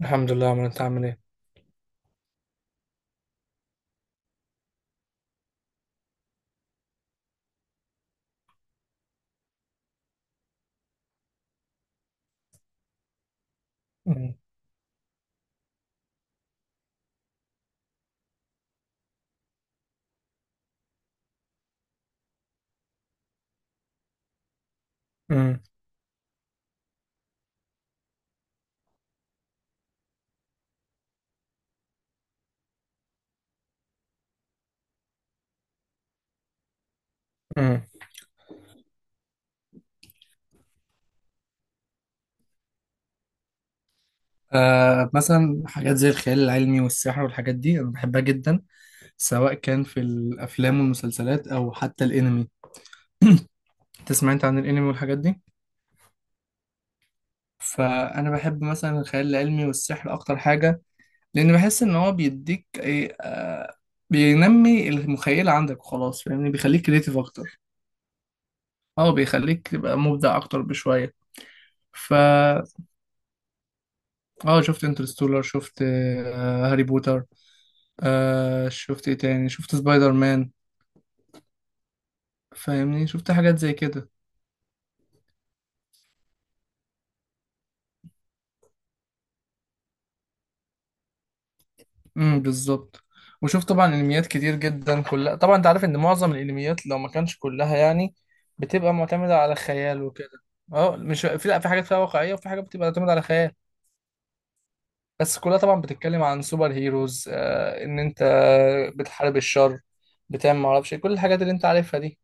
الحمد لله يا عمرو، انت عامل ايه؟ مم. مم. مم. آه، مثلا حاجات زي الخيال العلمي والسحر والحاجات دي أنا بحبها جدا سواء كان في الأفلام والمسلسلات أو حتى الأنمي. تسمع أنت عن الأنمي والحاجات دي؟ فأنا بحب مثلا الخيال العلمي والسحر أكتر حاجة. لأن بحس إن هو بيديك إيه بينمي المخيلة عندك وخلاص، فاهمني، بيخليك كريتيف أكتر. أه، بيخليك تبقى مبدع أكتر بشوية. فا أه، شفت انترستولر، شفت هاري بوتر. آه، شفت ايه تاني، شفت سبايدر مان. فاهمني، شفت حاجات زي كده. بالظبط. وشفت طبعا انميات كتير جدا، كلها طبعا انت عارف ان معظم الانميات لو ما كانش كلها يعني بتبقى معتمدة على خيال وكده. اه، مش في، لا، في حاجات فيها واقعية وفي حاجات بتبقى معتمدة على خيال. بس كلها طبعا بتتكلم عن سوبر هيروز، ان انت بتحارب الشر، بتعمل معرفش إيه، كل الحاجات اللي انت عارفها دي.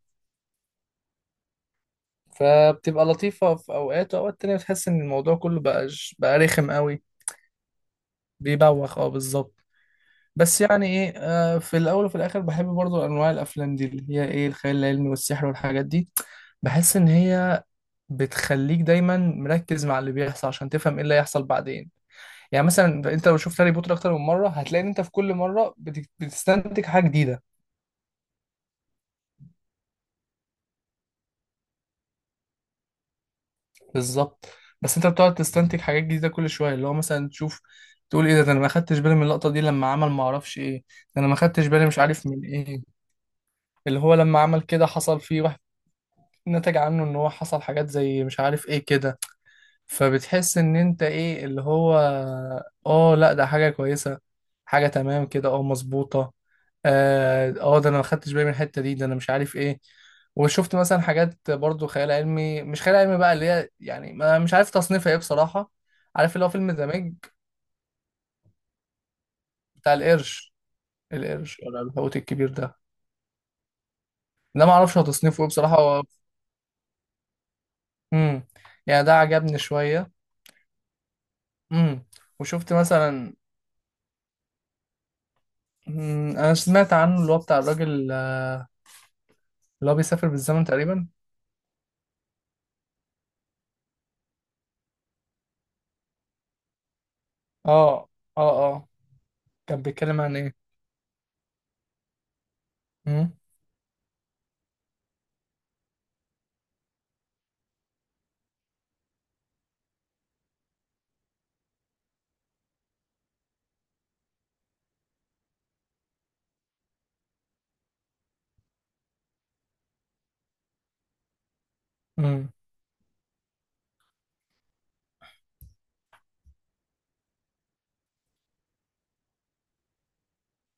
فبتبقى لطيفة في اوقات، واوقات تانية بتحس ان الموضوع كله بقى رخم قوي. بيبوخ، اه، بالظبط. بس يعني ايه، في الاول وفي الاخر بحب برضو انواع الافلام دي اللي هي ايه الخيال العلمي والسحر والحاجات دي. بحس ان هي بتخليك دايما مركز مع اللي بيحصل عشان تفهم ايه اللي هيحصل بعدين. يعني مثلا انت لو شفت هاري بوتر اكتر من مره هتلاقي ان انت في كل مره بتستنتج حاجه جديده. بالظبط. بس انت بتقعد تستنتج حاجات جديده كل شويه، اللي هو مثلا تشوف، تقول ايه ده انا ما خدتش بالي من اللقطه دي لما عمل ما اعرفش ايه. ده انا ما خدتش بالي مش عارف من ايه. اللي هو لما عمل كده حصل فيه، نتج عنه ان هو حصل حاجات زي مش عارف ايه كده. فبتحس ان انت ايه اللي هو، اه لا، ده حاجة كويسة، حاجة تمام كده، اه، مظبوطة. اه، ده انا ما خدتش بالي من الحتة دي، ده انا مش عارف ايه. وشفت مثلا حاجات برضو خيال علمي مش خيال علمي بقى، اللي هي يعني ما مش عارف تصنيفها ايه بصراحة. عارف اللي هو فيلم ذا ميج، بتاع القرش؟ القرش ولا الحوت الكبير ده؟ ده ما اعرفش هو تصنيفه ايه بصراحة هو. امم يعني ده عجبني شوية. امم. وشفت مثلا. انا سمعت عنه اللي هو بتاع الراجل، اللي هو بيسافر بالزمن تقريبا. اه، اه، اه. كان بيتكلم عن ايه؟ امم. امم.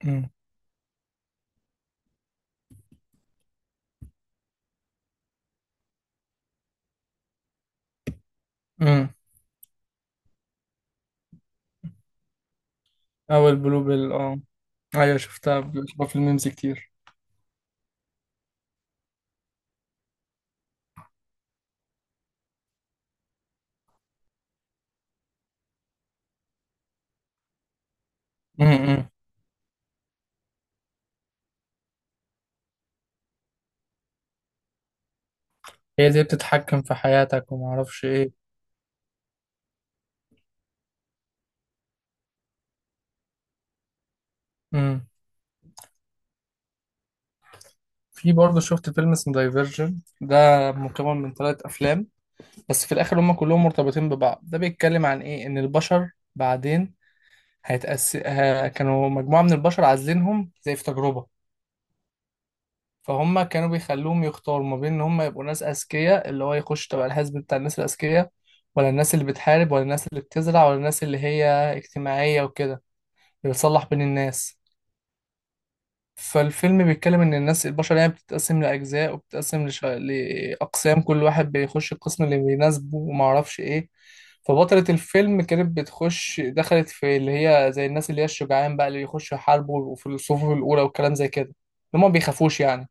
امم. امم. اول بلو بيل، اه. ايوه، شفتها، بشوفها في الميمز كتير. امم. هي دي بتتحكم في حياتك وما اعرفش ايه. امم. في برضه شفت فيلم اسمه دايفرجن ده، مكون من ثلاث افلام. بس في الاخر هم كلهم مرتبطين ببعض. ده بيتكلم عن ايه، ان البشر بعدين كانوا مجموعة من البشر عازلينهم زي في تجربة. فهم كانوا بيخلوهم يختاروا ما بين ان هم يبقوا ناس اذكياء اللي هو يخش تبع الحزب بتاع الناس الاذكياء، ولا الناس اللي بتحارب، ولا الناس اللي بتزرع، ولا الناس اللي هي اجتماعية وكده، اللي بتصلح بين الناس. فالفيلم بيتكلم ان الناس البشر يعني بتتقسم لاجزاء، وبتتقسم لاقسام، كل واحد بيخش القسم اللي بيناسبه وما اعرفش ايه. فبطلة الفيلم كانت بتخش، دخلت في اللي هي زي الناس اللي هي الشجعان بقى، اللي بيخشوا يحاربوا وفي الصفوف الاولى والكلام زي كده، اللي هم ما بيخافوش يعني.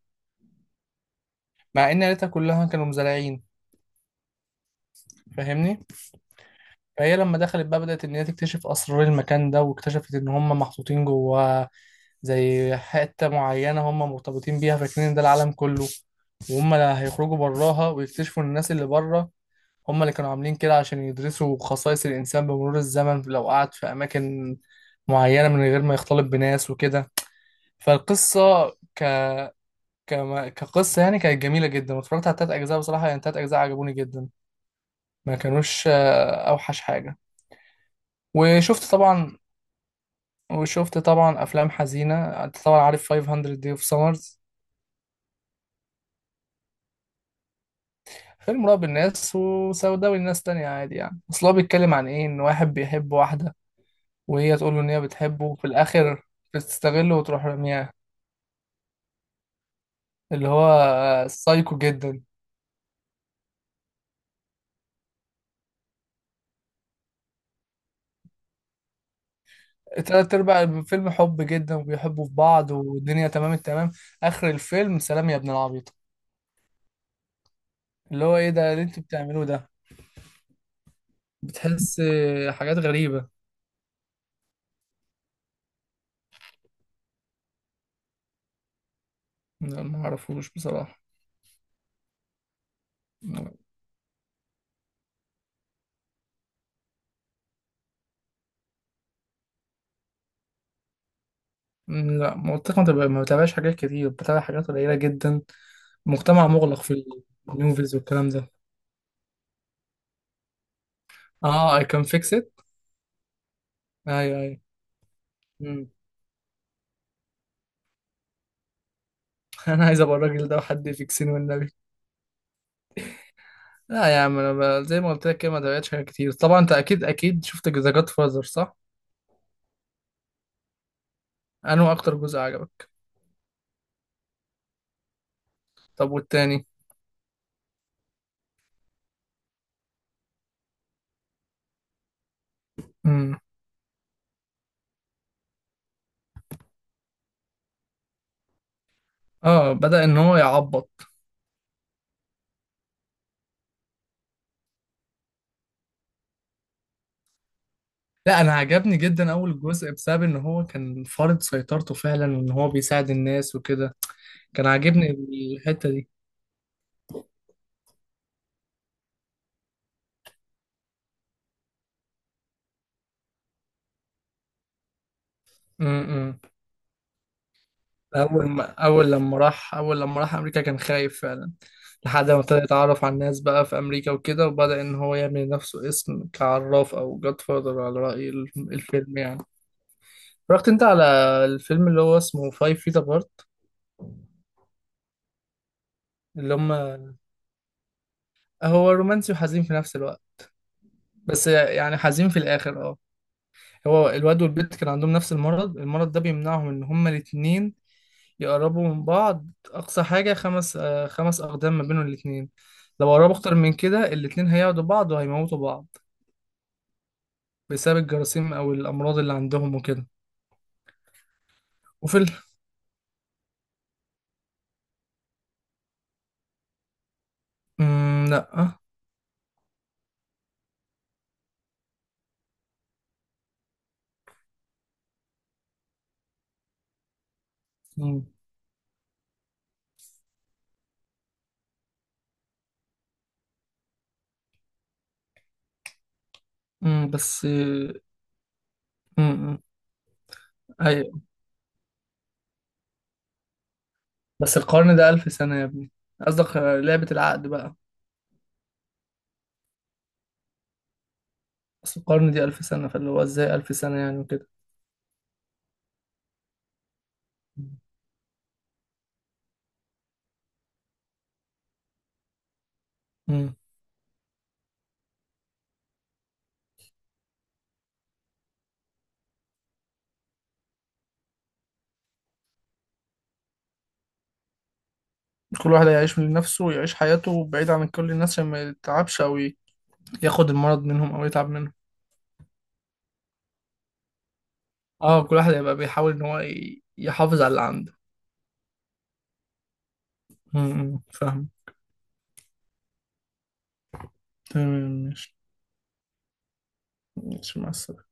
مع ان عيلتها كلها كانوا مزارعين، فاهمني. فهي لما دخلت بقى بدأت ان هي تكتشف اسرار المكان ده، واكتشفت ان هم محطوطين جواه زي حتة معينة، هم مرتبطين بيها فاكرين إن ده العالم كله. وهم لا، هيخرجوا براها ويكتشفوا إن الناس اللي بره هم اللي كانوا عاملين كده عشان يدرسوا خصائص الإنسان بمرور الزمن لو قعد في أماكن معينة من غير ما يختلط بناس وكده. فالقصة ك... كقصة يعني كانت جميلة جدا، واتفرجت على تلات أجزاء بصراحة، يعني تلات أجزاء عجبوني جدا. ما كانوش، اوحش حاجه. وشفت طبعا وشفت طبعا افلام حزينه. انت طبعا عارف 500 Day of Summers. فيلم رعب الناس، وسوداوي الناس تانية عادي، يعني اصل هو بيتكلم عن ايه، ان واحد بيحب واحده، وهي تقول له ان هي بتحبه، وفي الاخر بتستغله وتروح رميها. اللي هو سايكو جدا. تلات ارباع الفيلم حب جدا، وبيحبوا في بعض، والدنيا تمام التمام. اخر الفيلم، سلام يا ابن العبيط! اللي هو ايه ده اللي انتوا بتعملوه ده؟ بتحس حاجات غريبه. لا، ما اعرفوش بصراحة. م- لا، مؤخرا ما بتابعش حاجات كتير، بتابع حاجات قليلة جدا. مجتمع مغلق في النوفلز والكلام ده. اه، اي كان فيكس ات. ايوه، ايوه. مم. انا عايز ابقى الراجل ده وحد يفكسني والنبي. لا يا عم، انا زي ما قلت لك كده ما تابعتش حاجات كتير. طبعا انت اكيد اكيد شفت ذا جاد فازر، صح؟ انا اكتر جزء عجبك؟ طب والتاني؟ امم. اه، بدأ ان هو يعبط. لا، انا عجبني جدا اول جزء بسبب ان هو كان فارض سيطرته فعلا، وان هو بيساعد الناس وكده. كان عاجبني الحتة دي. امم. اول ما اول لما راح اول لما راح امريكا كان خايف فعلا. لحد ما ابتدى يتعرف على الناس بقى في امريكا وكده، وبدأ ان هو يعمل لنفسه اسم كعراف او جاد فاذر على رأي الفيلم يعني. رحت انت على الفيلم اللي هو اسمه فايف فيت ابارت. اللي هم هو رومانسي وحزين في نفس الوقت. بس يعني حزين في الاخر، اه. هو الواد والبنت كان عندهم نفس المرض، المرض ده بيمنعهم ان هما الاتنين يقربوا من بعض. أقصى حاجة 5 أقدام ما بينهم الاتنين. لو قربوا أكتر من كده، الاتنين هيعدوا بعض وهيموتوا بعض بسبب الجراثيم أو الأمراض اللي عندهم وكده. وفي ال... مم. لأ. مم. مم، بس، مم. مم. أيوة. بس القرن ده 1000 سنة يا ابني. قصدك لعبة العقد بقى. أصل القرن دي 1000 سنة، فاللي هو إزاي 1000 سنة يعني وكده. مم. كل واحد هيعيش لنفسه ويعيش حياته بعيد عن كل الناس عشان ما يتعبش أو ياخد المرض منهم أو يتعب منهم. اه، كل واحد هيبقى بيحاول ان هو يحافظ على اللي عنده. م. فاهم. تمام، ماشي. ماشي، مع السلامة.